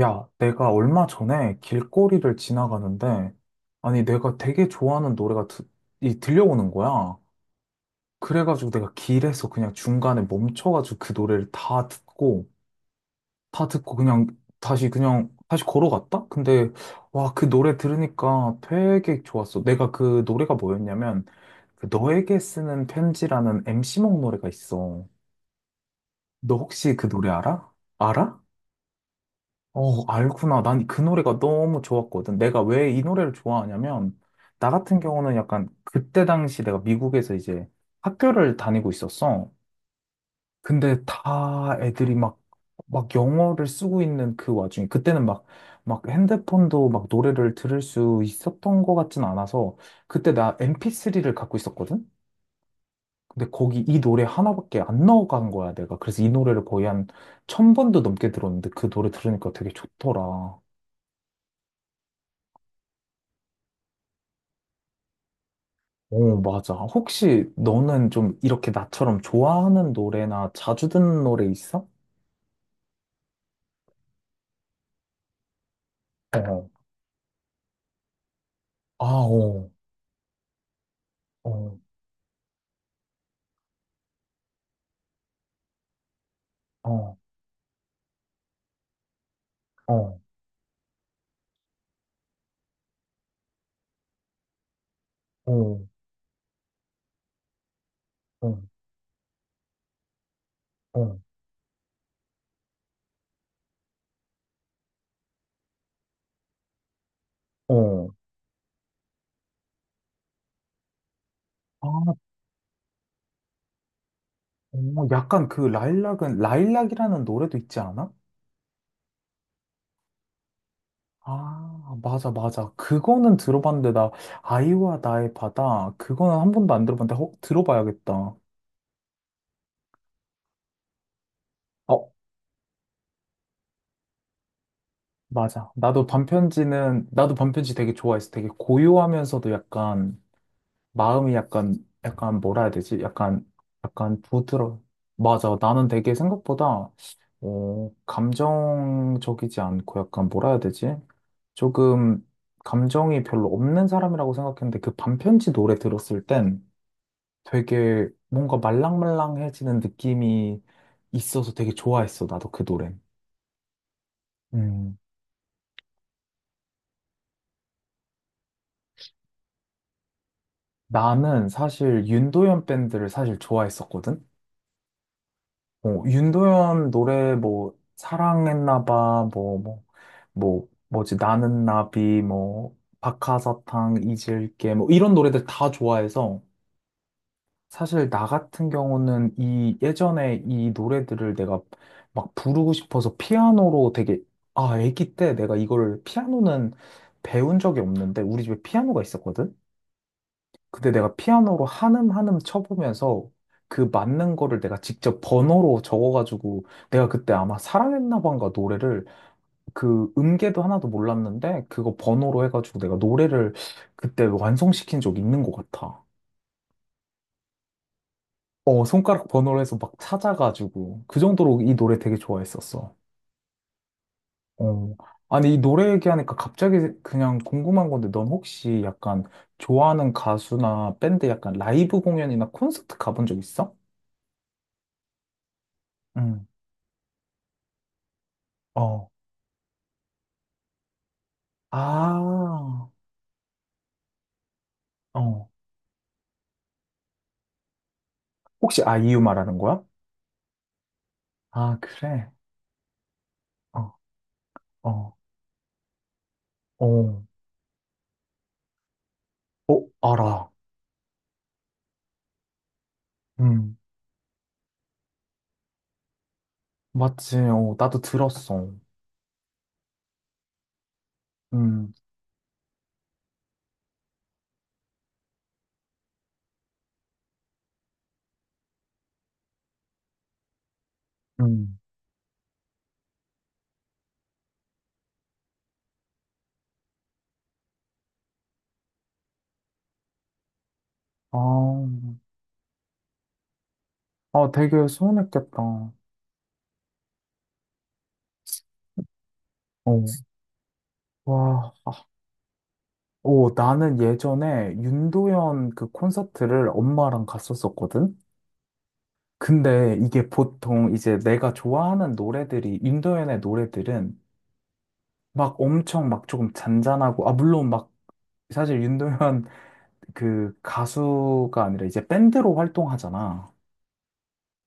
야, 내가 얼마 전에 길거리를 지나가는데, 아니, 내가 되게 좋아하는 노래가 들려오는 거야. 그래가지고 내가 길에서 그냥 중간에 멈춰가지고 그 노래를 다 듣고, 다 듣고 그냥 다시 그냥 다시 걸어갔다? 근데, 와, 그 노래 들으니까 되게 좋았어. 내가 그 노래가 뭐였냐면, 그 너에게 쓰는 편지라는 MC몽 노래가 있어. 너 혹시 그 노래 알아? 알아? 어, 알구나. 난 그 노래가 너무 좋았거든. 내가 왜 이 노래를 좋아하냐면, 나 같은 경우는 약간 그때 당시 내가 미국에서 이제 학교를 다니고 있었어. 근데 다 애들이 막, 영어를 쓰고 있는 그 와중에, 그때는 막, 핸드폰도 막 노래를 들을 수 있었던 것 같진 않아서, 그때 나 MP3를 갖고 있었거든? 근데 거기 이 노래 하나밖에 안 넣어간 거야, 내가. 그래서 이 노래를 거의 한 천 번도 넘게 들었는데 그 노래 들으니까 되게 좋더라. 어, 맞아. 혹시 너는 좀 이렇게 나처럼 좋아하는 노래나 자주 듣는 노래 있어? 어. 아, 어, 어, 어, 어, 어, 어, 어, 어. 아, 어, 약간 그 라일락이라는 노래도 있지 않아? 아, 맞아, 맞아. 그거는 들어봤는데, 나, 아이와 나의 바다, 그거는 한 번도 안 들어봤는데, 어, 들어봐야겠다. 어, 맞아. 나도 반편지 되게 좋아했어. 되게 고요하면서도 약간, 마음이 약간, 약간 뭐라 해야 되지? 약간 부드러. 맞아. 나는 되게 생각보다, 어, 감정적이지 않고 약간 뭐라 해야 되지? 조금 감정이 별로 없는 사람이라고 생각했는데 그 반편지 노래 들었을 땐 되게 뭔가 말랑말랑해지는 느낌이 있어서 되게 좋아했어. 나도 그 노래. 음. 나는 사실 윤도현 밴드를 사실 좋아했었거든. 뭐, 윤도현 노래 뭐, 사랑했나 봐, 뭐지, 나는 나비, 뭐, 박하사탕, 잊을게, 뭐, 이런 노래들 다 좋아해서, 사실 나 같은 경우는 이, 예전에 이 노래들을 내가 막 부르고 싶어서 피아노로 되게, 아, 애기 때 내가 이걸 피아노는 배운 적이 없는데, 우리 집에 피아노가 있었거든? 근데 내가 피아노로 한음 한음 쳐보면서 그 맞는 거를 내가 직접 번호로 적어가지고 내가 그때 아마 사랑했나 봐인가 노래를 그 음계도 하나도 몰랐는데 그거 번호로 해가지고 내가 노래를 그때 완성시킨 적이 있는 것 같아. 어, 손가락 번호로 해서 막 찾아가지고 그 정도로 이 노래 되게 좋아했었어. 어. 아니, 이 노래 얘기하니까 갑자기 그냥 궁금한 건데 넌 혹시 약간 좋아하는 가수나 밴드 약간 라이브 공연이나 콘서트 가본 적 있어? 응. 어. 아, 어. 혹시 아 이유 말하는 거야? 아, 그래. 어, 어, 어, 어, 알아. 음, 맞지. 어, 나도 들었어. 음, 음. 아, 아, 되게 서운했겠다. 어, 와. 어, 나는 예전에 윤도현 그 콘서트를 엄마랑 갔었었거든? 근데 이게 보통 이제 내가 좋아하는 노래들이, 윤도현의 노래들은 막 엄청 막 조금 잔잔하고, 아, 물론 막 사실 윤도현 그 가수가 아니라 이제 밴드로 활동하잖아.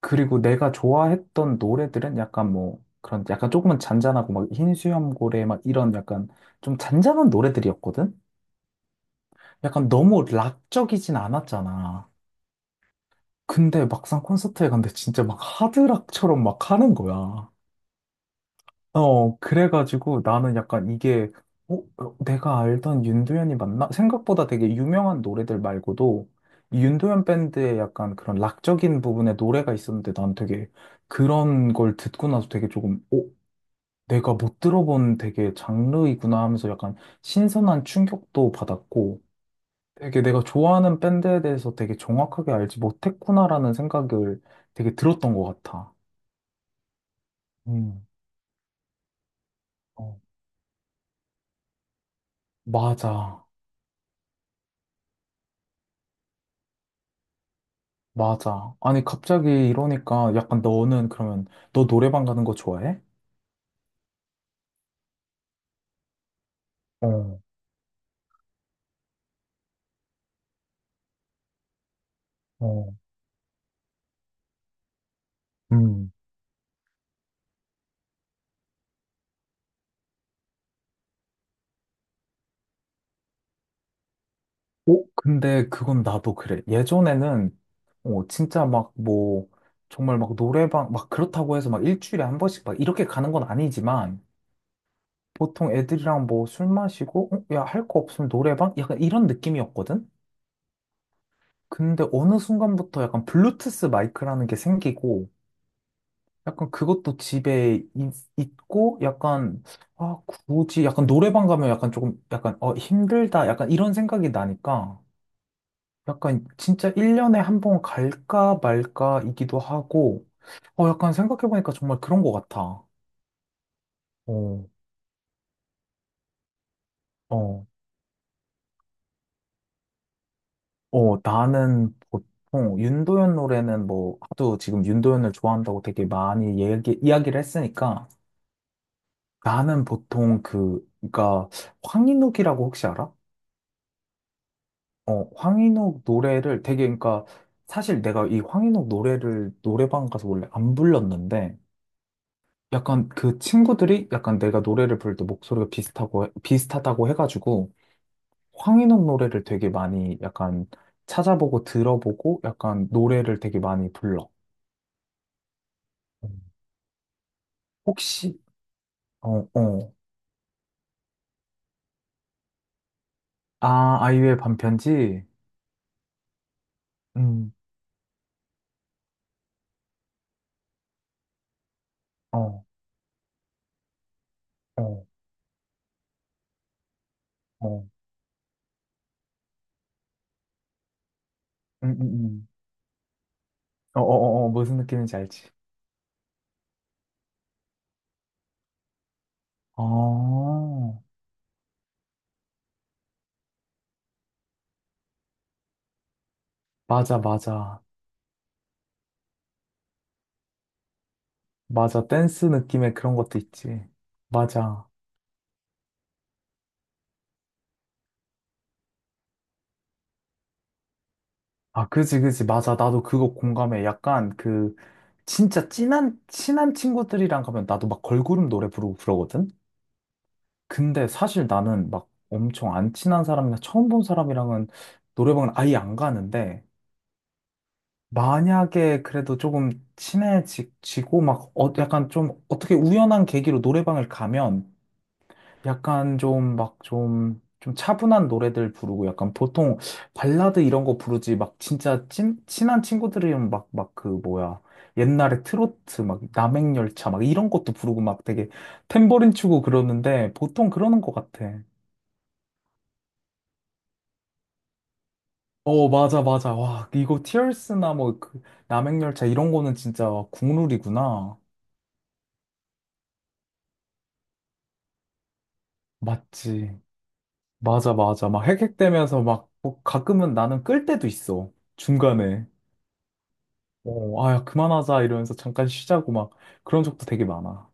그리고 내가 좋아했던 노래들은 약간 뭐 그런 약간 조금은 잔잔하고 막 흰 수염고래 막 이런 약간 좀 잔잔한 노래들이었거든? 약간 너무 락적이진 않았잖아. 근데 막상 콘서트에 갔는데 진짜 막 하드락처럼 막 하는 거야. 어, 그래가지고 나는 약간 이게, 내가 알던 윤도현이 맞나? 생각보다 되게 유명한 노래들 말고도 이 윤도현 밴드의 약간 그런 락적인 부분의 노래가 있었는데 난 되게 그런 걸 듣고 나서 되게 조금, 어, 내가 못 들어본 되게 장르이구나 하면서 약간 신선한 충격도 받았고 되게 내가 좋아하는 밴드에 대해서 되게 정확하게 알지 못했구나라는 생각을 되게 들었던 것 같아. 음, 어, 맞아. 맞아. 아니, 갑자기 이러니까 약간 너는 그러면 너 노래방 가는 거 좋아해? 어, 어, 음. 어, 근데 그건 나도 그래. 예전에는, 어, 진짜 막 뭐, 정말 막 노래방, 막 그렇다고 해서 막 일주일에 한 번씩 막 이렇게 가는 건 아니지만, 보통 애들이랑 뭐 술 마시고, 어, 야, 할 거 없으면 노래방? 약간 이런 느낌이었거든? 근데 어느 순간부터 약간 블루투스 마이크라는 게 생기고, 약간 그것도 집에 있고 약간 아 굳이 약간 노래방 가면 약간 조금 약간 어 힘들다 약간 이런 생각이 나니까 약간 진짜 1년에 한번 갈까 말까이기도 하고 어 약간 생각해보니까 정말 그런 것 같아. 어, 어, 어 나는 보통 윤도현 노래는 뭐 하도 지금 윤도현을 좋아한다고 되게 많이 이야기를 했으니까 나는 보통 그 그러니까 황인욱이라고 혹시 알아? 어, 황인욱 노래를 되게, 그러니까, 사실 내가 이 황인욱 노래를 노래방 가서 원래 안 불렀는데, 약간 그 친구들이 약간 내가 노래를 부를 때 목소리가 비슷하다고 해가지고, 황인욱 노래를 되게 많이 약간 찾아보고 들어보고, 약간 노래를 되게 많이 불러. 음. 혹시, 어, 어, 아, 아이유의 반편지? 음, 어, 어, 어, 음, 음, 음. 어, 어, 어, 어, 무슨 느낌인지 알지? 어, 맞아, 맞아. 맞아. 댄스 느낌의 그런 것도 있지. 맞아. 아, 그지, 그지. 맞아. 나도 그거 공감해. 약간 그, 진짜 친한 친구들이랑 가면 나도 막 걸그룹 노래 부르고 그러거든? 근데 사실 나는 막 엄청 안 친한 사람이나 처음 본 사람이랑은 노래방은 아예 안 가는데, 만약에 그래도 조금 친해지고 막, 어, 약간 좀 어떻게 우연한 계기로 노래방을 가면 약간 좀 막 좀 차분한 노래들 부르고 약간 보통 발라드 이런 거 부르지 막 진짜 친 친한 친구들이면 막 그 뭐야 옛날에 트로트 막 남행열차 막 이런 것도 부르고 막 되게 탬버린 치고 그러는데 보통 그러는 것 같아. 어 맞아 맞아 와 이거 티얼스나 뭐 그 남행열차 이런 거는 진짜 국룰이구나. 맞지 맞아 맞아 막 핵핵대면서 막뭐 가끔은 나는 끌 때도 있어 중간에. 어, 아, 야, 그만하자 이러면서 잠깐 쉬자고 막 그런 적도 되게 많아.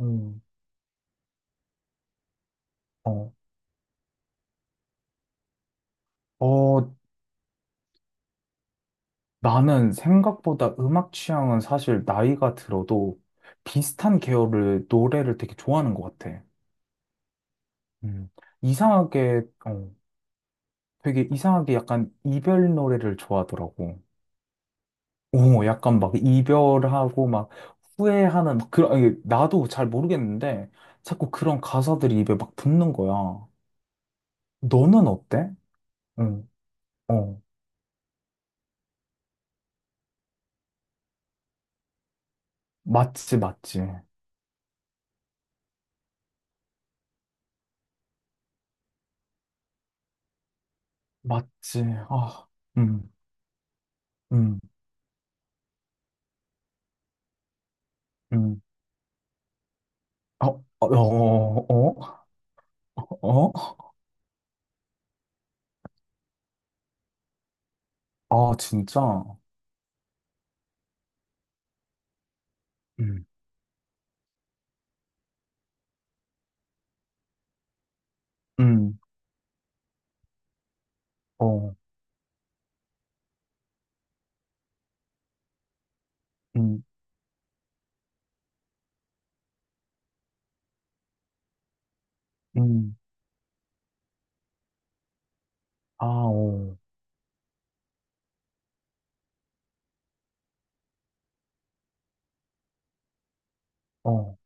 음, 어, 어, 나는 생각보다 음악 취향은 사실 나이가 들어도 비슷한 노래를 되게 좋아하는 것 같아. 음, 이상하게, 어, 되게 이상하게 약간 이별 노래를 좋아하더라고. 오, 약간 막 이별하고 막 후회하는, 막 그런, 아니, 나도 잘 모르겠는데 자꾸 그런 가사들이 입에 막 붙는 거야. 너는 어때? 응, 어. 맞지, 맞지, 맞지. 아, 음, 음, 음. 어, 어, 어, 어, 어? 아, 진짜. 음, 음, 어, 음, 음. 아, 어, 어.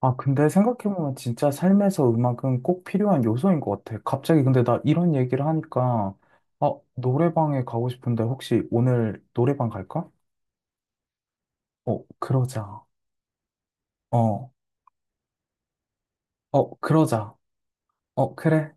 아, 근데 생각해보면 진짜 삶에서 음악은 꼭 필요한 요소인 것 같아. 갑자기 근데 나 이런 얘기를 하니까, 아, 노래방에 가고 싶은데 혹시 오늘 노래방 갈까? 어, 그러자. 어, 어, 그러자. 어, 그래.